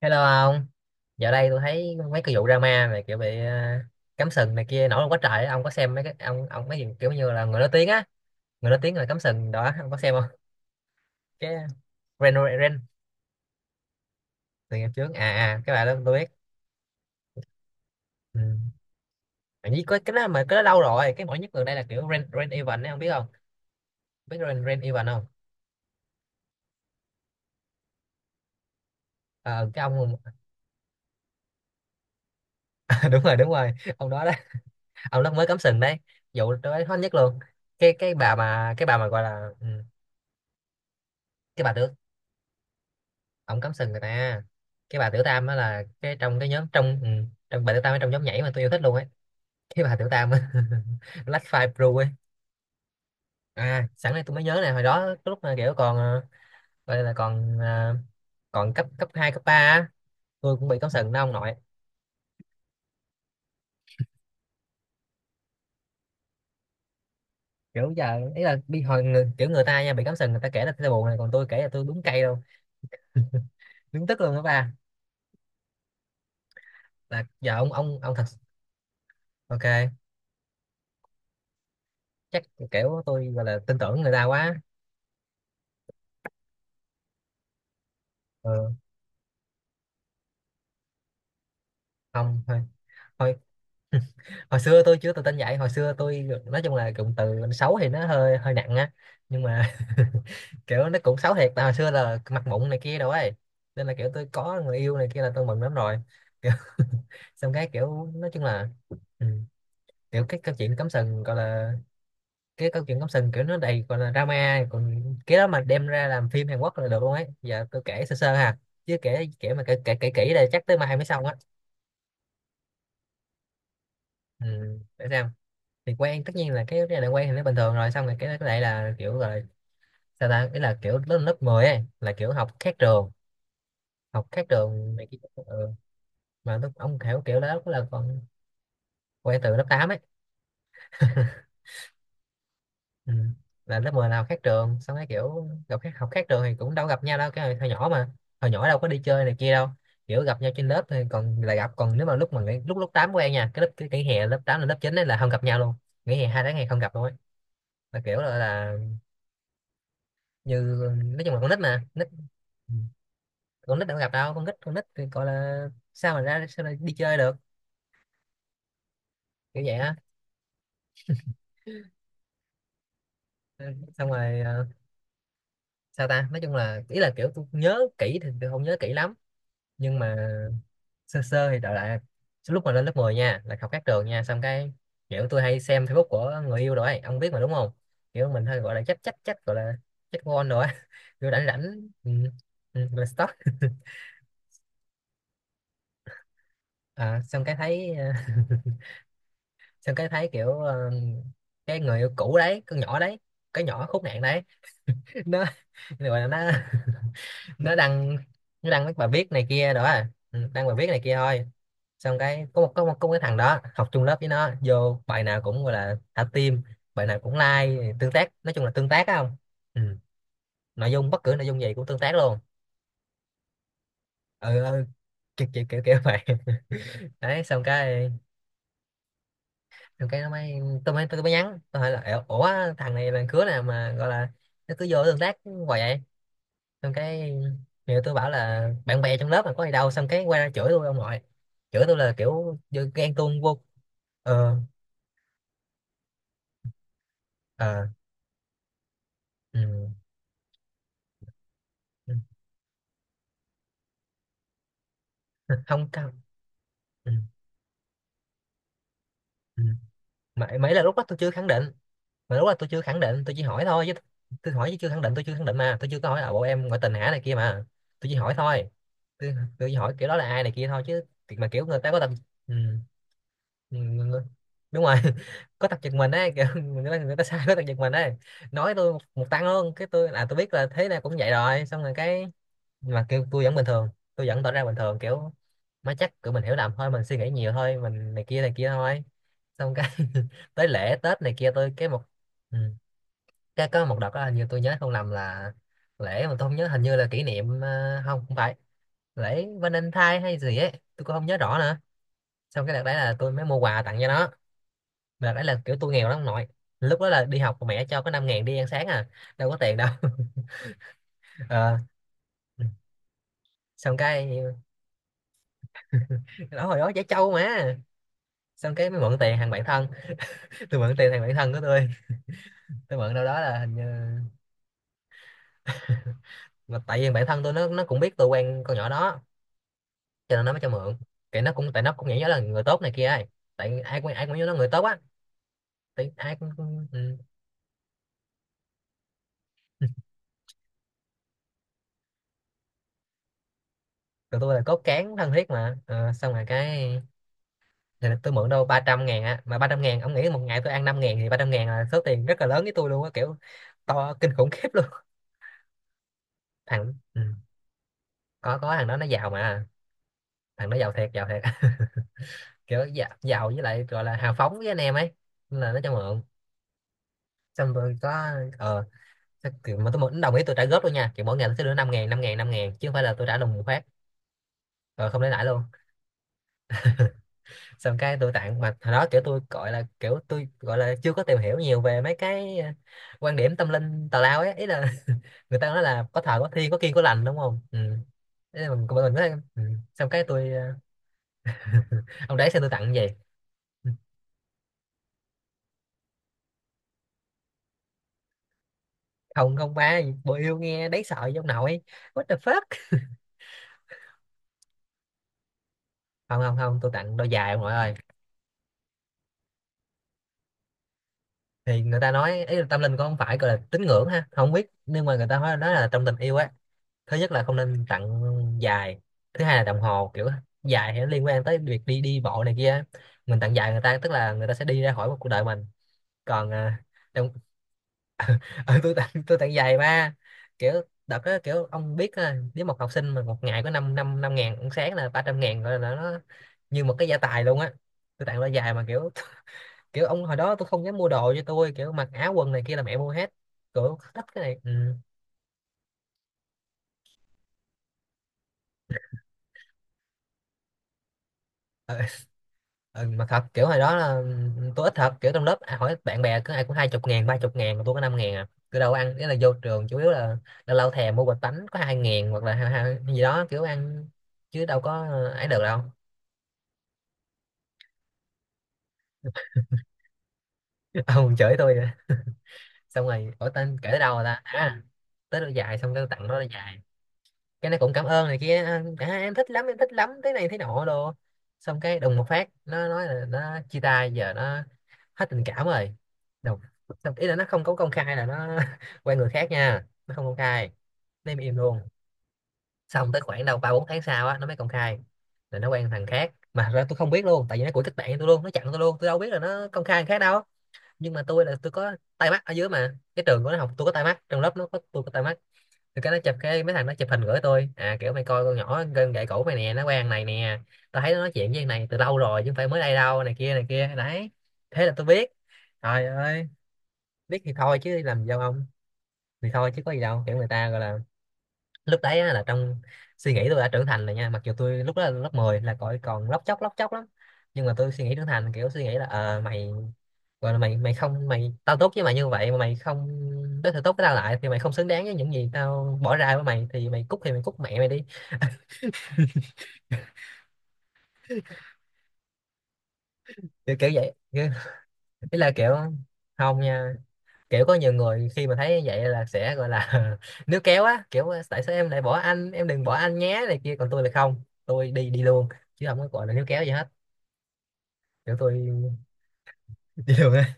Hello ông, dạo đây tôi thấy mấy cái vụ drama này kiểu bị cắm sừng này kia nổi lên quá trời, á. Ông có xem mấy cái ông mấy gì kiểu như là người nổi tiếng á, người nổi tiếng là cắm sừng đó, ông có xem không? Cái Ren Ren từ ngày trước, cái bà đó tôi biết. Ừ. Mà với cái đó mà cái đó lâu rồi, cái nổi nhất gần đây là kiểu Ren Ren Evan ấy, ông biết không? Biết Ren Ren Evan không? Ờ, cái ông đúng rồi, đúng rồi, ông đó đó, ông đó mới cắm sừng đấy, vụ tôi thấy hot nhất luôn. Cái bà mà cái bà mà gọi là cái bà tự ổng cắm sừng người ta, cái bà tiểu tam á là cái trong cái nhóm trong, bà tiểu tam ở trong nhóm nhảy mà tôi yêu thích luôn ấy, cái bà tiểu tam á. Black Five Blue ấy. À, sẵn đây tôi mới nhớ này, hồi đó cái lúc mà kiểu còn gọi là còn còn cấp cấp 2 cấp 3, á, tôi cũng bị cắm sừng đó ông nội. Kiểu giờ ý là bị hồi kiểu người ta nha, bị cắm sừng người ta kể là tôi buồn này, còn tôi kể là tôi đúng cay luôn, đúng tức luôn đó ba. Là giờ ông thật. Ok. Chắc kiểu tôi gọi là tin tưởng người ta quá. Ừ, không. Thôi thôi, hồi xưa tôi chưa tự tin vậy, hồi xưa tôi nói chung là cụm từ xấu thì nó hơi hơi nặng á, nhưng mà kiểu nó cũng xấu thiệt, tại hồi xưa là mặt mụn này kia đâu ấy, nên là kiểu tôi có người yêu này kia là tôi mừng lắm rồi kiểu, xong cái kiểu nói chung là ừ, kiểu cái câu chuyện cắm sừng gọi là, cái câu chuyện cắm sừng kiểu nó đầy gọi là drama, còn cái đó mà đem ra làm phim Hàn Quốc là được luôn ấy. Giờ tôi kể sơ sơ ha, chứ kể kể mà kể kể kể kỹ đây chắc tới mai mới xong á. Ừ, để xem. Thì quen, tất nhiên là cái này quen thì nó bình thường rồi, xong rồi cái này là kiểu rồi, sao ta, ý là kiểu lớp lớp 10 ấy là kiểu học khác trường, học khác trường này kia. Ừ. Mà lúc ông hiểu kiểu đó lúc là còn quen từ lớp 8 ấy. Ừ. Là lớp 10 là học khác trường, xong cái kiểu gặp khác, học khác trường thì cũng đâu gặp nhau đâu, cái hồi nhỏ mà, hồi nhỏ đâu có đi chơi này kia đâu, kiểu gặp nhau trên lớp thì còn là gặp, còn nếu mà lúc mà lúc lớp 8 quen nha, cái hè lớp 8 là lớp 9 ấy là không gặp nhau luôn, nghỉ hè 2 tháng ngày không gặp luôn ấy, là kiểu là như, nói chung là con nít mà nít. Ừ. Con nít đâu có gặp đâu, con nít thì gọi là, sao mà ra sao lại đi chơi được, kiểu vậy á. Ừ, xong rồi, sao ta, nói chung là ý là kiểu tôi nhớ kỹ thì tôi không nhớ kỹ lắm, nhưng mà sơ sơ thì đại loại là lúc mà lên lớp 10 nha là học khác trường nha, xong cái kiểu tôi hay xem Facebook của người yêu rồi ấy, ông biết mà đúng không, kiểu mình hơi gọi là chắc chắc chắc gọi là chắc con rồi á. Kiểu rảnh rảnh ừ, ừ, là stalk. À, xong cái thấy xong cái thấy kiểu cái người yêu cũ đấy, con nhỏ đấy, cái nhỏ khốn nạn đấy, nó gọi là nó nó đăng nó đăng mấy bài viết này kia đó à. Ừ, đăng bài viết này kia thôi, xong cái có một, có một cái thằng đó học chung lớp với nó vô bài nào cũng gọi là thả tim, bài nào cũng like, tương tác, nói chung là tương tác á không. Ừ. Nội dung, bất cứ nội dung gì cũng tương tác luôn. Ừ, ừ, kiểu, kiểu kiểu kiểu vậy. Đấy, xong cái rồi cái nó mới, tôi mới nhắn, tôi hỏi là "Ủa, ủa, thằng này là cứa nào mà gọi là nó cứ vô tương tác hoài vậy". Xong cái nhiều, tôi bảo là bạn bè trong lớp mà có gì đâu, xong cái quay ra chửi tôi ông nội, chửi tôi là kiểu như ghen tuông vô. Ờ, ờ, ừ, ừ, không cao. Ừ, ừ. Mà là lúc đó tôi chưa khẳng định, mà lúc đó tôi chưa khẳng định, tôi chỉ hỏi thôi chứ. Tôi hỏi chứ chưa khẳng định, tôi chưa khẳng định, mà tôi chưa có hỏi là bộ em ngoại tình hả này kia mà, tôi chỉ hỏi thôi, tôi chỉ hỏi kiểu đó là ai này kia thôi chứ, thì mà kiểu người ta có tình. Ừ. Nhìn người- người- đúng rồi. Có tập giật mình ấy kiểu, người ta sai có tập giật mình ấy, nói tôi một tăng luôn, cái tôi là tôi biết là thế này cũng vậy rồi, xong rồi cái, mà kêu tôi vẫn bình thường, tôi vẫn tỏ ra bình thường kiểu má chắc kiểu mình hiểu lầm thôi, mình suy nghĩ nhiều thôi, mình này kia thôi. Xong cái tới lễ Tết này kia tôi cái một ừ, cái có một đợt đó hình như tôi nhớ không lầm là lễ mà tôi không nhớ, hình như là kỷ niệm, không, không phải lễ Valentine hay gì ấy, tôi cũng không nhớ rõ nữa. Xong cái đợt đấy là tôi mới mua quà tặng cho nó. Đợt đấy là kiểu tôi nghèo lắm ông nội, lúc đó là đi học mẹ cho có 5 ngàn đi ăn sáng à, đâu có tiền đâu. Ờ, xong cái đó, hồi đó trẻ trâu mà. Xong cái mới mượn tiền thằng bạn thân, tôi mượn tiền thằng bạn thân của tôi mượn đâu đó là hình như, mà tại vì bạn thân tôi nó cũng biết tôi quen con nhỏ đó cho nên nó mới cho mượn, cái nó cũng tại nó cũng nghĩ nó là người tốt này kia ấy, tại ai cũng nhớ nó người tốt á, tại ai cũng ừ. Tụi tôi là cốt cán thân thiết mà. Ờ, xong rồi cái, thì tôi mượn đâu 300 ngàn á, mà 300 ngàn ông nghĩ, một ngày tôi ăn 5 ngàn thì 300 ngàn là số tiền rất là lớn với tôi luôn á, kiểu to kinh khủng khiếp luôn. thằng ừ. Có thằng đó nó giàu mà, thằng đó giàu thiệt, giàu thiệt. Kiểu giàu, giàu với lại gọi là hào phóng với anh em ấy, nên là nó cho mượn. Xong tôi có ờ kiểu mà tôi mượn đồng ý tôi trả góp luôn nha, kiểu mỗi ngày tôi sẽ đưa 5 ngàn, 5 ngàn, 5 ngàn chứ không phải là tôi trả đồng một phát. Ờ, không lấy lãi luôn. Xong cái tôi tặng, mà hồi đó kiểu tôi gọi là chưa có tìm hiểu nhiều về mấy cái quan điểm tâm linh tào lao ấy, ý là người ta nói là có thờ có thi có kiêng có lành, đúng không. Ừ. Thế là mình nói. Ừ. Xong cái tôi, ông đấy xem tôi tặng gì. Không, không, ba bộ yêu nghe đấy sợ giống nội, what the fuck. Không, không, không, tôi tặng đôi giày ông nội ơi. Thì người ta nói ý là tâm linh cũng không phải gọi là tín ngưỡng ha, không biết, nhưng mà người ta nói là trong tình yêu á, thứ nhất là không nên tặng giày, thứ hai là đồng hồ, kiểu giày thì nó liên quan tới việc đi đi bộ này kia, mình tặng giày người ta tức là người ta sẽ đi ra khỏi một cuộc đời mình, còn à, đồng. Ừ, tôi tặng giày ba kiểu. Đợt đó kiểu ông biết á, nếu một học sinh mà một ngày có năm năm năm ngàn ăn sáng là 300 ngàn rồi là nó như một cái gia tài luôn á, tôi tặng đôi giày mà kiểu kiểu ông hồi đó tôi không dám mua đồ cho tôi, kiểu mặc áo quần này kia là mẹ mua hết, kiểu thích cái này. Ừ. Ờ, mà thật kiểu hồi đó là tôi ít thật, kiểu trong lớp ai hỏi bạn bè cứ ai cũng 20.000, 30.000 mà tôi có 5.000 à. Tôi đâu có ăn, nghĩa là vô trường chủ yếu là lâu lâu thèm mua bịch bánh có 2.000, hoặc là hai gì đó kiểu ăn, chứ đâu có ấy được đâu. Ông chửi tôi nữa. Xong rồi, ủa tên kể tới đâu rồi ta? À, tới đôi dài, xong cái tôi tặng nó đôi dài, cái nó cũng cảm ơn này kia, em thích lắm, em thích lắm, thế này thế nọ đồ. Xong cái đùng một phát nó nói là nó chia tay, giờ nó hết tình cảm rồi. Đùng. Xong ý là nó không có công khai là nó quen người khác nha, nó không công khai nên im im luôn. Xong tới khoảng đâu ba bốn tháng sau á nó mới công khai là nó quen thằng khác, mà thật ra tôi không biết luôn, tại vì nó của kết bạn với tôi luôn, nó chặn tôi luôn, tôi đâu biết là nó công khai thằng khác đâu. Nhưng mà tôi là tôi có tay mắt ở dưới mà, cái trường của nó học tôi có tay mắt, trong lớp nó có tôi có tay mắt. Thì cái nó chụp, cái mấy thằng nó chụp hình gửi tôi, à kiểu mày coi con nhỏ gân gậy cổ mày nè, nó quen này nè, tao thấy nó nói chuyện với thằng này từ lâu rồi chứ không phải mới đây đâu, này kia đấy. Thế là tôi biết. Trời ơi, biết thì thôi chứ làm gì đâu ông, thì thôi chứ có gì đâu, kiểu người ta gọi là, lúc đấy á, là trong suy nghĩ tôi đã trưởng thành rồi nha, mặc dù tôi lúc đó là lớp 10, là còn còn lóc chóc lắm. Nhưng mà tôi suy nghĩ trưởng thành, kiểu suy nghĩ là ờ mày, gọi là mày mày không, mày tao tốt với mày như vậy mà mày không đối xử tốt với tao lại, thì mày không xứng đáng với những gì tao bỏ ra với mày, thì mày cút, thì mày cút mẹ mày đi. Kiểu kiểu vậy kiểu, ý là kiểu không nha, kiểu có nhiều người khi mà thấy như vậy là sẽ gọi là níu kéo á, kiểu tại sao em lại bỏ anh, em đừng bỏ anh nhé, này kia, còn tôi là không, tôi đi đi luôn chứ không có gọi là níu kéo gì hết. Kiểu tôi đi luôn á.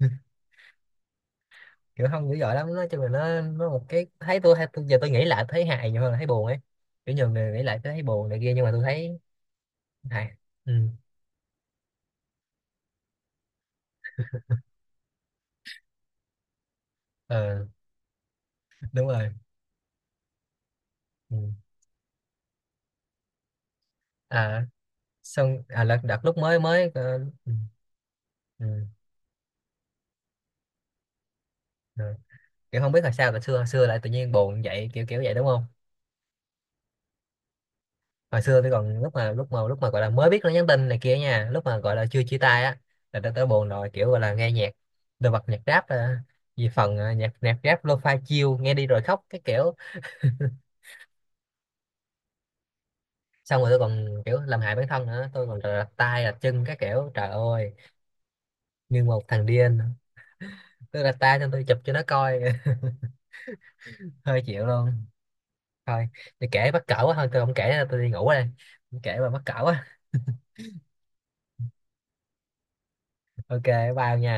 Kiểu không dữ dội lắm, nói chung là nó một cái thấy tôi hay, tôi giờ tôi nghĩ lại thấy hài nhiều hơn là thấy buồn ấy. Kiểu nhiều người nghĩ lại tôi thấy buồn này kia, nhưng mà tôi thấy hay. Ừ. Ờ, đúng rồi. Ừ. À, xong à là đợt lúc mới mới Ừ. Rồi. Kiểu không biết là sao là xưa, hồi xưa lại tự nhiên buồn vậy, kiểu kiểu vậy đúng không? Hồi xưa tôi còn lúc mà gọi là mới biết nó nhắn tin này kia nha, lúc mà gọi là chưa chia tay á, là tôi tới buồn rồi, kiểu gọi là nghe nhạc đồ, vật nhạc rap, vì phần nhạc nhạc rap lo-fi chill, nghe đi rồi khóc cái kiểu. Xong rồi tôi còn kiểu làm hại bản thân nữa, tôi còn rạch tay rạch chân cái kiểu trời ơi, như một thằng điên. Tức là ta cho tôi chụp cho nó coi, hơi chịu luôn. Thôi thì kể mắc cỡ quá, thôi tôi không kể nữa, tôi đi ngủ đây. Không kể mà mắc cỡ quá. Ok. Bao nha.